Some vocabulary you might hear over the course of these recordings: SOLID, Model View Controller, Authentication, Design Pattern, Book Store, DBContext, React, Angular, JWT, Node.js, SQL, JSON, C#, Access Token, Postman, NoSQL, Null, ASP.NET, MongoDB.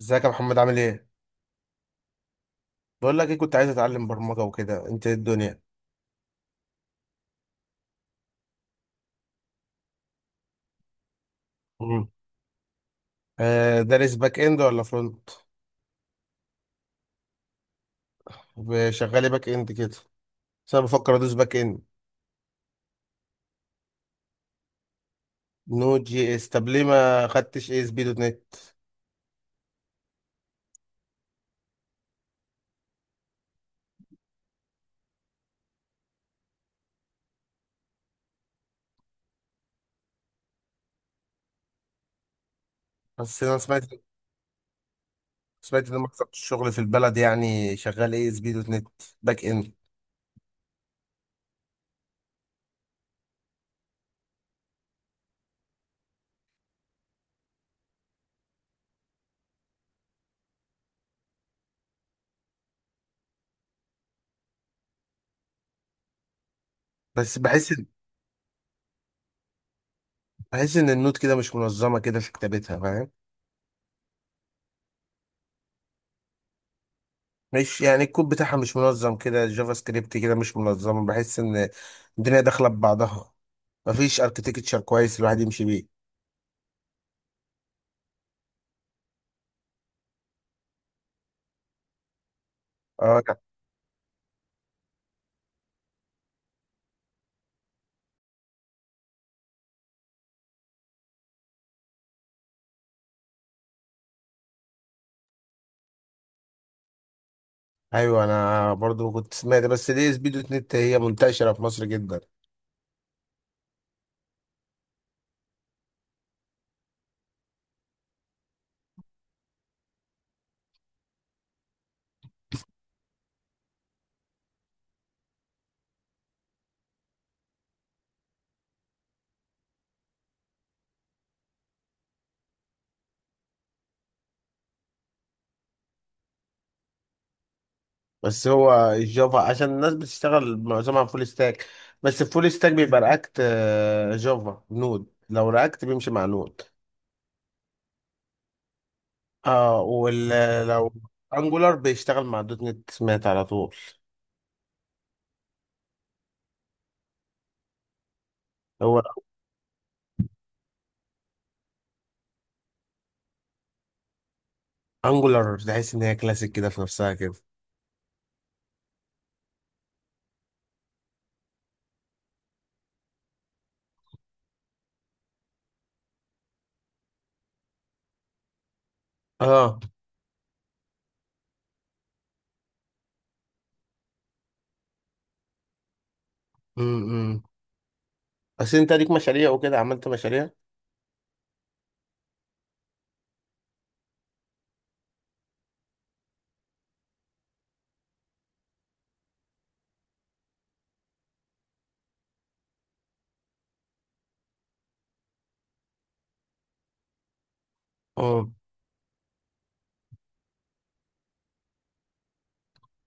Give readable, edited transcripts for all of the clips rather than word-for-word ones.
ازيك يا محمد عامل ايه؟ بقول لك ايه، كنت عايز اتعلم برمجة وكده، انت ايه الدنيا؟ مم. آه، دارس باك اند ولا فرونت؟ شغال ايه؟ باك اند كده؟ بس انا بفكر ادوس باك اند. نود جي اس؟ طب ليه ما خدتش اي اس بي دوت نت؟ بس انا سمعت ان مكتب الشغل في البلد يعني شغال اي اس بي دوت نت، باك اند. بس بحس ان النود كده مش منظمة كده في كتابتها، فاهم؟ مش يعني الكود بتاعها مش منظم كده، الجافا سكريبت كده مش منظم، بحس ان الدنيا داخله ببعضها، مفيش اركتكتشر كويس الواحد يمشي بيه. اه لا. ايوه انا برضو كنت سمعت، بس دي اس بي دوت نت هي منتشره في مصر جدا. بس هو الجافا عشان الناس بتشتغل معظمها فول ستاك، بس الفول ستاك بيبقى رياكت. جافا نود، لو رياكت بيمشي مع نود. اه ولو انجولار بيشتغل مع دوت نت سمعت على طول. هو انجولار تحس ان هي كلاسيك كده في نفسها كده. اه، إمم. بس انت ليك مشاريع وكده؟ عملت مشاريع؟ اه،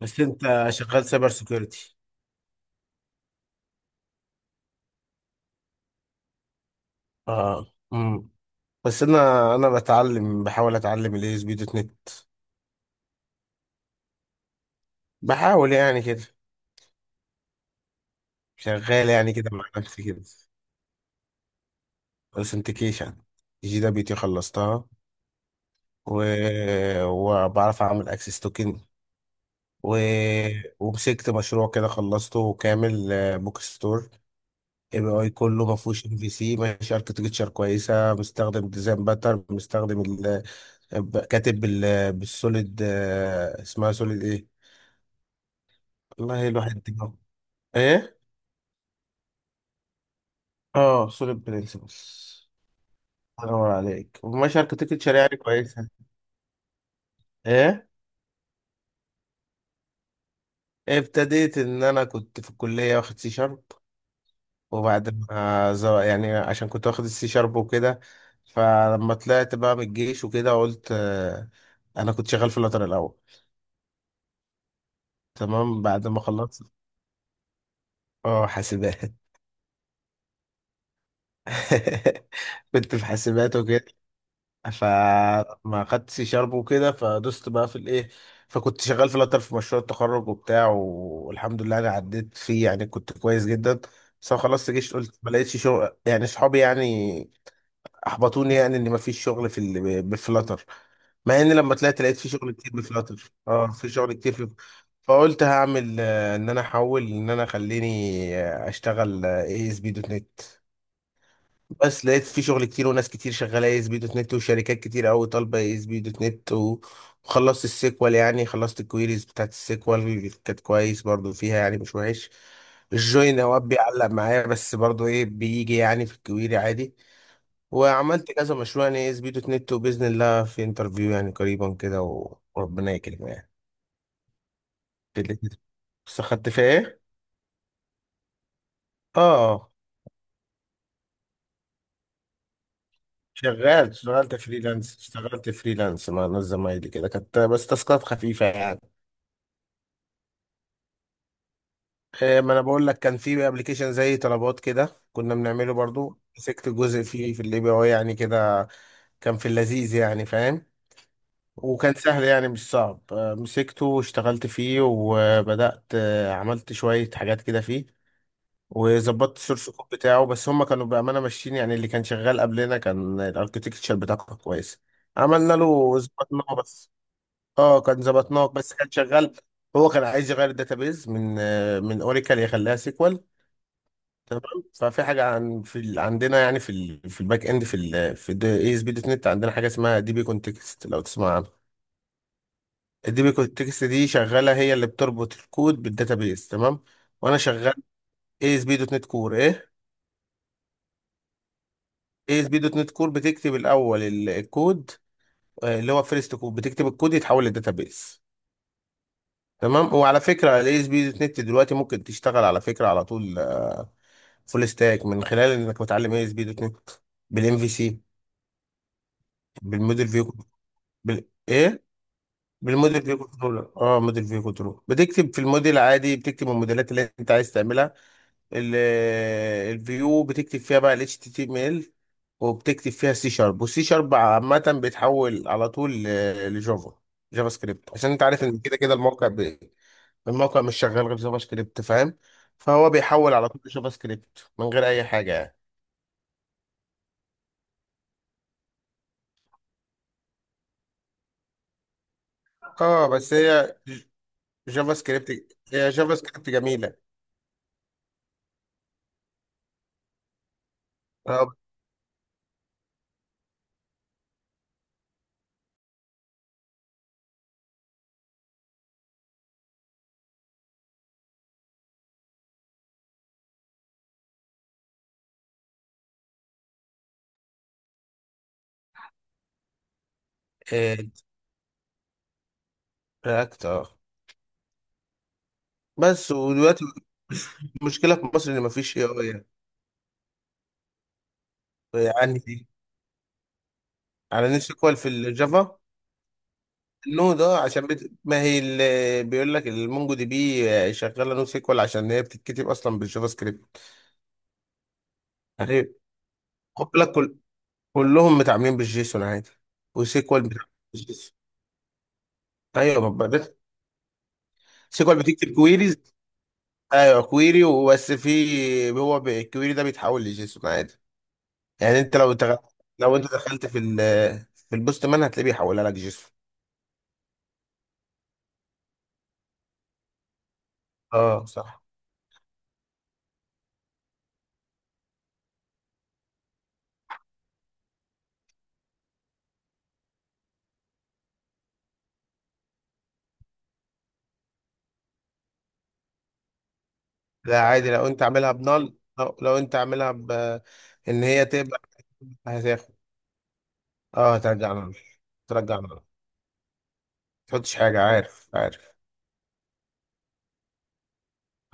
بس انت شغال سايبر سيكيورتي؟ اه امم. بس انا بتعلم، بحاول اتعلم الاي اس بي دوت نت. بحاول يعني كده، شغال يعني كده مع نفسي كده. اوثنتيكيشن، جي دبليو تي خلصتها، و... وبعرف اعمل اكسس توكن، و... ومسكت مشروع كده خلصته كامل، بوك ستور. ام اي كله، ما فيهوش ام في سي، ماشي اركتكتشر كويسه، مستخدم ديزاين باتر، مستخدم كاتب بالسوليد، اسمها سوليد ايه؟ والله الواحد دماغه. ايه؟ اه سوليد برنسبلز. انور عليك، وماشي اركتكتشر يعني كويسه. ايه، ابتديت ان انا كنت في الكليه واخد سي شارب، وبعد ما ز- يعني عشان كنت واخد السي شارب وكده، فلما طلعت بقى من الجيش وكده قلت انا كنت شغال في اللاتر الاول. تمام، بعد ما خلصت. اه حاسبات كنت في حاسبات وكده، فما خدتش شرب وكده، فدست بقى في الايه. فكنت شغال في لاتر في مشروع التخرج وبتاع، والحمد لله انا عديت فيه يعني، كنت كويس جدا. بس أنا خلصت جيش، قلت ما لقيتش شغل يعني، اصحابي يعني احبطوني يعني ان ما فيش شغل في بفلاتر. مع ان لما طلعت لقيت في شغل كتير بفلاتر، اه في شغل كتير في. فقلت هعمل، ان انا احول، ان انا خليني اشتغل اي اس بي دوت نت. بس لقيت في شغل كتير وناس كتير شغاله اي اس بي دوت نت، وشركات كتير قوي طالبه اي اس بي دوت نت وخلصت السيكوال، يعني خلصت الكويريز بتاعت السيكوال، كانت كويس برضو فيها يعني، مش وحش. الجوين اوقات بيعلق معايا، بس برضو ايه، بيجي يعني في الكويري عادي. وعملت كذا مشروع يعني اي اس بي دوت نت، وباذن الله في انترفيو يعني قريبا كده، وربنا يكرم يعني. في الاتنين. بس خدت فيها ايه؟ اه، شغال، اشتغلت فريلانس مع ناس زمايلي كده، كانت بس تاسكات خفيفة يعني. ما انا بقول لك، كان في ابلكيشن زي طلبات كده كنا بنعمله، برضو مسكت جزء فيه في الاي بي اي يعني كده. كان في اللذيذ يعني، فاهم؟ وكان سهل يعني، مش صعب، مسكته واشتغلت فيه، وبدأت عملت شوية حاجات كده فيه، وظبطت السورس كود بتاعه. بس هم كانوا بأمانة ماشيين يعني، اللي كان شغال قبلنا كان الاركتكتشر بتاعه كان كويس، عملنا له ظبطناه بس. اه كان ظبطناه بس، كان شغال. هو كان عايز يغير الداتابيز من من اوريكل يخليها سيكوال. تمام. ففي حاجه عن في ال... عندنا يعني في الباك اند في اي اس بي دوت نت عندنا حاجه اسمها دي بي كونتكست، لو تسمع عنها. الدي بي كونتكست دي شغاله، هي اللي بتربط الكود بالداتابيس. تمام. وانا شغال اي اس بي دوت نت كور، ايه. اي اس بي دوت نت كور بتكتب الاول الكود، اللي هو فيرست كود، بتكتب الكود يتحول للداتابيس. تمام. وعلى فكره الاي اس بي دوت نت دلوقتي ممكن تشتغل على فكره على طول فول ستاك، من خلال انك متعلم اي اس بي دوت نت بالام في سي، بالموديل فيو، ايه، بالموديل فيو كنترول. اه، موديل فيو كنترول، بتكتب في الموديل عادي، بتكتب الموديلات اللي انت عايز تعملها. ال- الفيو بتكتب فيها بقى ال HTML، وبتكتب فيها سي شارب، والسي شارب عامة بيتحول على طول لجافا، جافا سكريبت، عشان انت عارف ان كده كده الموقع الموقع مش شغال غير جافا سكريبت، فاهم؟ فهو بيحول على طول لجافا سكريبت من غير اي حاجة يعني. اه بس هي، جافا سكريبت، هي جافا سكريبت جميلة. اه، آه، رياكت. اه. بس ودلوقتي مشكلة في مصر ان مفيش اي اي يعني، دي على نسيكوال في الجافا. نو، ده عشان ما هي اللي بيقول لك المونجو دي بي شغاله نو سيكوال، عشان هي بتتكتب اصلا بالجافا سكريبت. يعني خد بالك، كلهم متعاملين بالجيسون عادي. وسيكوال بتتعامل بالجيسون. ايوه، ما بقى- سيكوال بتكتب كويريز. ايوه، كويري وبس، في هو الكويري ده بيتحول لجيسون عادي. يعني انت لو انت دخلت في البوست مان هتلاقيه بيحولها لك جيسون. اه صح. لا عادي، لو انت عاملها بنال، لو انت عاملها ب ان هي تبقى، هتاخد، اه هترجع نال. ترجع نال، ما تحطش حاجه. عارف، عارف.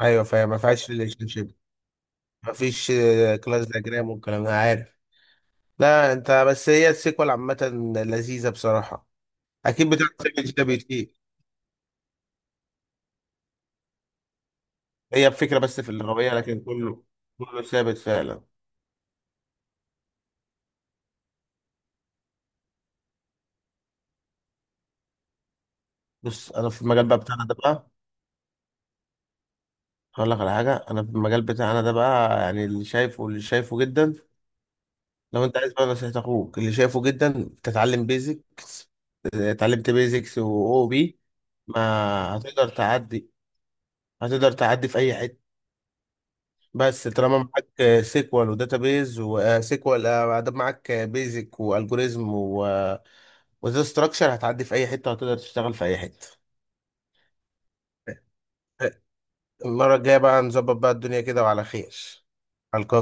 ايوه فاهم، ما فيهاش ريليشن شيب، ما فيش كلاس دياجرام والكلام ده، عارف. لا انت بس هي السيكوال عامه لذيذه بصراحه. اكيد بتاع جي بي تي، هي الفكره بس في اللغويه، لكن كله، كله ثابت فعلا. بص، انا في المجال بقى بتاعنا ده بقى، هقول لك على حاجه. انا في المجال بتاعنا ده بقى يعني، اللي شايفه، اللي شايفه جدا، لو انت عايز بقى نصيحة اخوك اللي شايفه جدا، تتعلم بيزكس. اتعلمت بيزكس واو بي، ما هتقدر تعدي. هتقدر تعدي في اي حتة. بس طالما معاك سيكوال وداتابيز، وسيكوال ادب، معاك بيزك والجوريزم وداتا ستراكشر، هتعدي في اي حتة، وهتقدر تشتغل في اي حتة. المرة الجاية بقى نظبط بقى الدنيا كده، وعلى خير. على الكافي.